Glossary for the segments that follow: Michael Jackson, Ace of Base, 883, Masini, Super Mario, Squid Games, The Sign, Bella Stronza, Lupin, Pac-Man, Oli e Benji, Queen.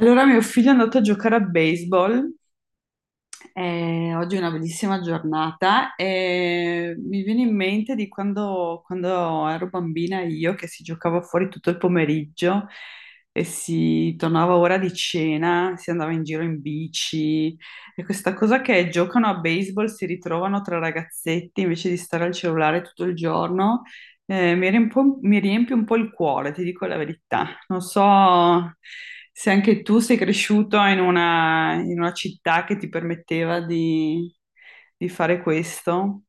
Allora, mio figlio è andato a giocare a baseball, oggi è una bellissima giornata e mi viene in mente di quando ero bambina io, che si giocava fuori tutto il pomeriggio e si tornava ora di cena, si andava in giro in bici, e questa cosa che giocano a baseball, si ritrovano tra ragazzetti invece di stare al cellulare tutto il giorno, mi riempie un po', il cuore, ti dico la verità. Non so se anche tu sei cresciuto in una città che ti permetteva di fare questo.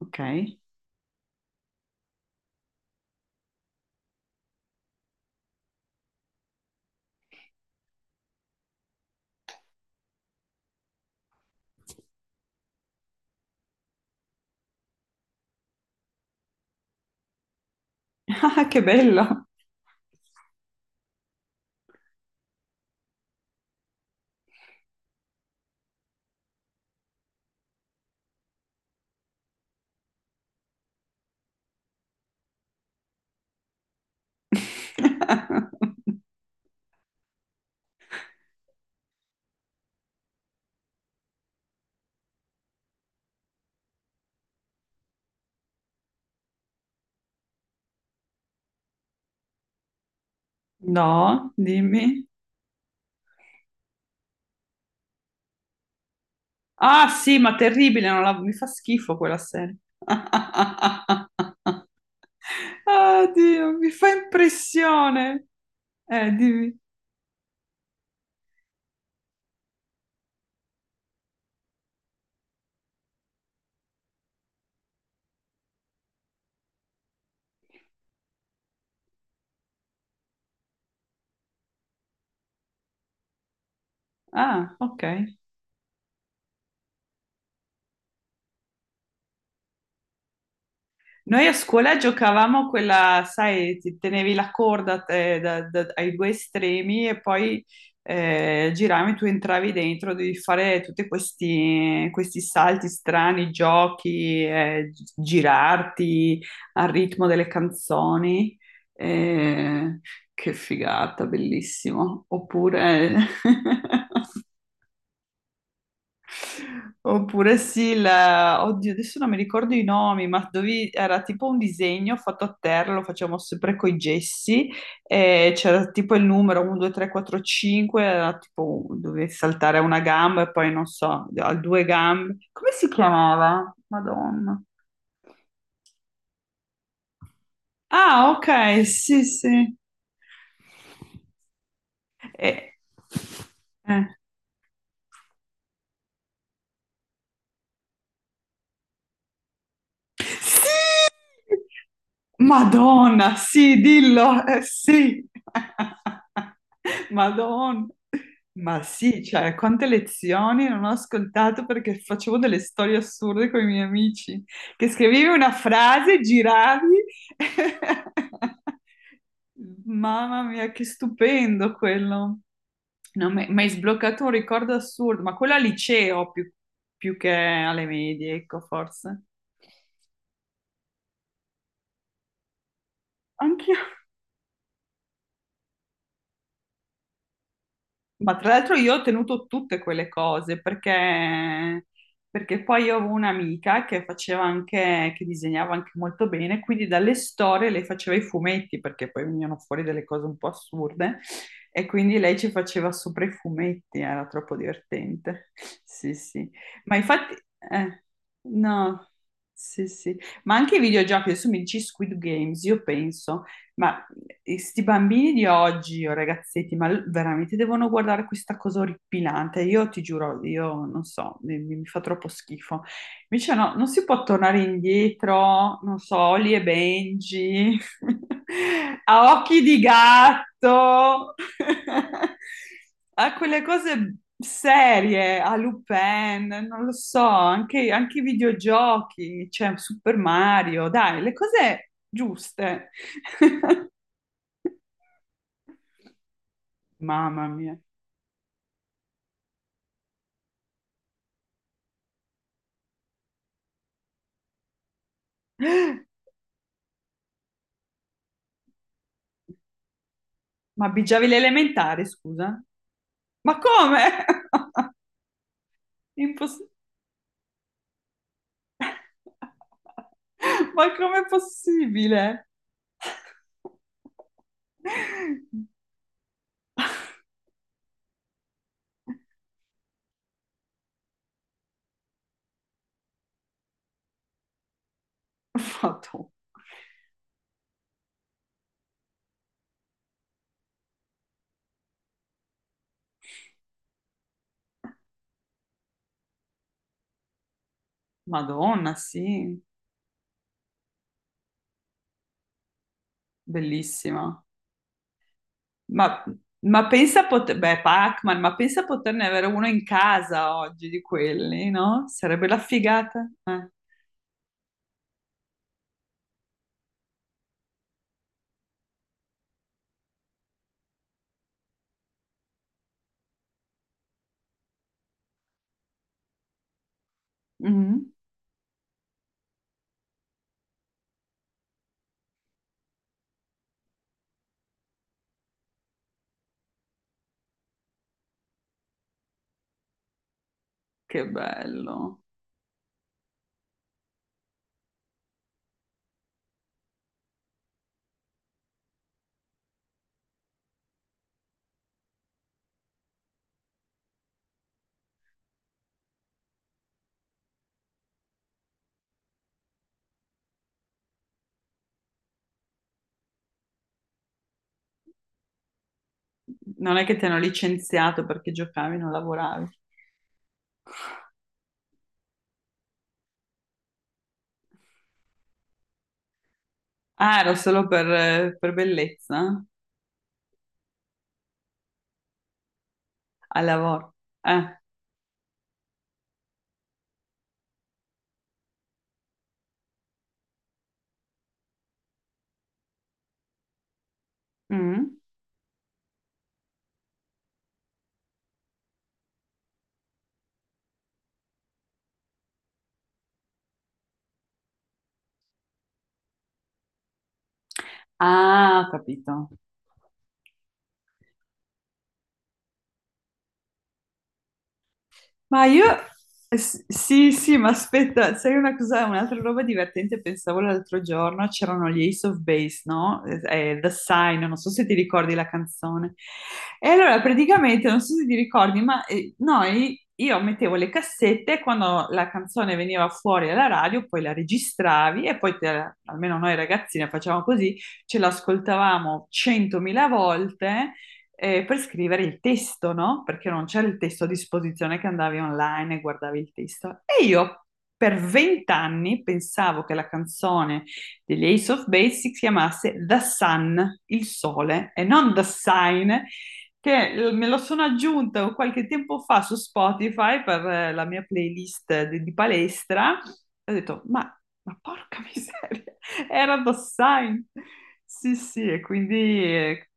Ok. Ah, che bello! No, dimmi. Ah, sì, ma terribile, non la- mi fa schifo quella serie. Ah, Dio, mi fa impressione. Dimmi. Ah, ok. Noi a scuola giocavamo quella, sai, ti tenevi la corda, ai due estremi, e poi giravi, tu entravi dentro, devi fare tutti questi salti strani, giochi, girarti al ritmo delle canzoni. Eh, che figata, bellissimo. Oppure... Oppure sì, oddio, adesso non mi ricordo i nomi, ma dove era tipo un disegno fatto a terra, lo facevamo sempre con i gessi, e c'era tipo il numero 1, 2, 3, 4, 5, era tipo dovevi saltare a una gamba e poi non so, a due gambe. Come si chiamava? Madonna. Ah, ok, sì, sì. E- eh. Sì! Madonna, sì, dillo, sì. Madonna. Ma sì, cioè, quante lezioni non ho ascoltato perché facevo delle storie assurde con i miei amici, che scrivevi una frase, giravi. Mamma mia, che stupendo quello. No, mi hai sbloccato un ricordo assurdo, ma quello al liceo più che alle medie, ecco, forse. Anch'io. Ma tra l'altro io ho tenuto tutte quelle cose perché, perché poi io avevo un'amica che faceva anche, che disegnava anche molto bene, quindi dalle storie lei faceva i fumetti perché poi venivano fuori delle cose un po' assurde, e quindi lei ci faceva sopra i fumetti, era troppo divertente. Sì, sì. Ma infatti, eh, no, sì, sì. Ma anche i videogiochi, adesso mi dici Squid Games, io penso. Ma e sti bambini di oggi, o ragazzetti, veramente devono guardare questa cosa orripilante. Io ti giuro, io non so, mi fa troppo schifo. Invece no, non si può tornare indietro, non so, Oli e Benji, a Occhi di Gatto, a quelle cose serie, a Lupin, non lo so, anche, anche i videogiochi, cioè Super Mario, dai, le cose giuste. Mamma mia. Ma bigiavi le elementari, scusa? Ma come? Imposs- Ma com'è possibile? Madonna, Madonna, sì, bellissima. Ma, ma pensa a poter... Beh, Pac-Man, ma pensa a poterne avere uno in casa oggi di quelli, no? Sarebbe la figata. Mhm. Che bello. Non è che ti hanno licenziato perché giocavi, non lavoravi. Ah, era solo per bellezza? Al lavoro. Eh. Mm. Ah, ho capito. Ma io, sì, sì, ma aspetta, sai una cosa, un'altra roba divertente, pensavo l'altro giorno, c'erano gli Ace of Base, no? The Sign, non so se ti ricordi la canzone. E allora praticamente, non so se ti ricordi, ma noi, io mettevo le cassette, e quando la canzone veniva fuori alla radio, poi la registravi e poi, almeno noi ragazzine facevamo così, ce l'ascoltavamo centomila volte per scrivere il testo, no? Perché non c'era il testo a disposizione, che andavi online e guardavi il testo. E io per 20 anni pensavo che la canzone degli Ace of Base si chiamasse The Sun, il sole, e non The Sign, che me lo sono aggiunta qualche tempo fa su Spotify per la mia playlist di palestra. E ho detto, ma porca miseria, era The Sign. Sì, sì, e quindi...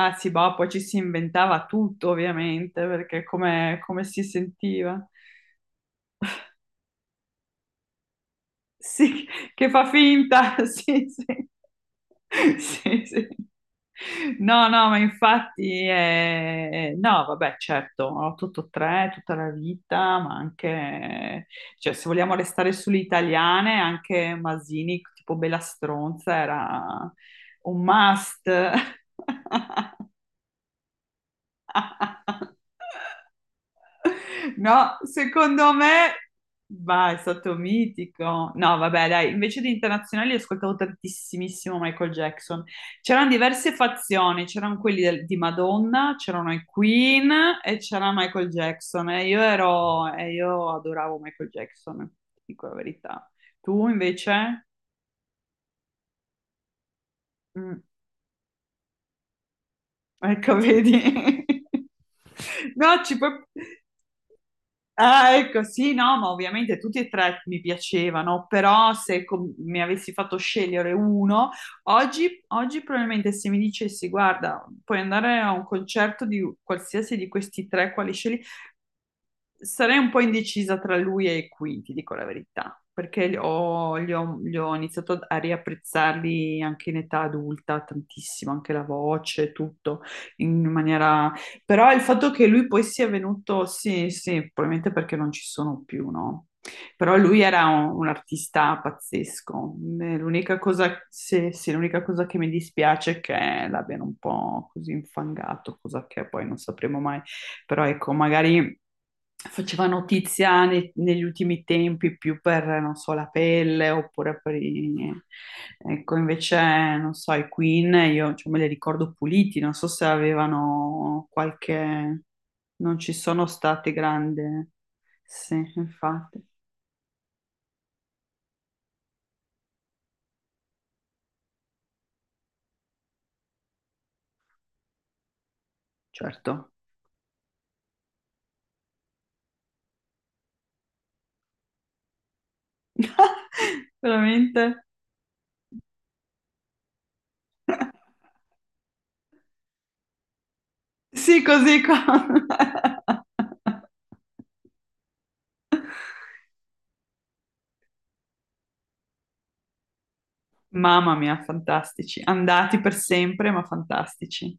ah sì, boh, poi ci si inventava tutto ovviamente, perché come, come si sentiva. Sì, che fa finta, sì, sì. Sì, sì. No, no, ma infatti, no, vabbè, certo, 883 tutta la vita, ma anche, cioè, se vogliamo restare sulle italiane, anche Masini, tipo Bella Stronza, era un must. No, secondo me, va, è stato mitico. No, vabbè, dai, invece di internazionali ho ascoltato tantissimo Michael Jackson. C'erano diverse fazioni, c'erano quelli di Madonna, c'erano i Queen e c'era Michael Jackson. E e io adoravo Michael Jackson, ti dico la verità. Tu invece? Mm, ecco, vedi? No, ci puoi. Ah, ecco, sì, no, ma ovviamente tutti e tre mi piacevano, però se mi avessi fatto scegliere uno, oggi probabilmente se mi dicessi, guarda, puoi andare a un concerto di qualsiasi di questi tre, quali scegli? Sarei un po' indecisa tra lui e qui, ti dico la verità, perché li ho iniziato a riapprezzarli anche in età adulta tantissimo, anche la voce, tutto in maniera... Però il fatto che lui poi sia venuto, sì, sì, probabilmente perché non ci sono più, no? Però lui era un artista pazzesco. L'unica cosa, sì, sì, l'unica cosa che mi dispiace è che l'abbiano un po' così infangato, cosa che poi non sapremo mai. Però ecco, magari faceva notizia negli ultimi tempi più per, non so, la pelle oppure per i... Ecco, invece, non so, i Queen, io cioè, me li ricordo puliti, non so se avevano qualche... Non ci sono state grandi... Sì, infatti, certo. Veramente? Sì, così con... Mamma mia, fantastici. Andati per sempre, ma fantastici.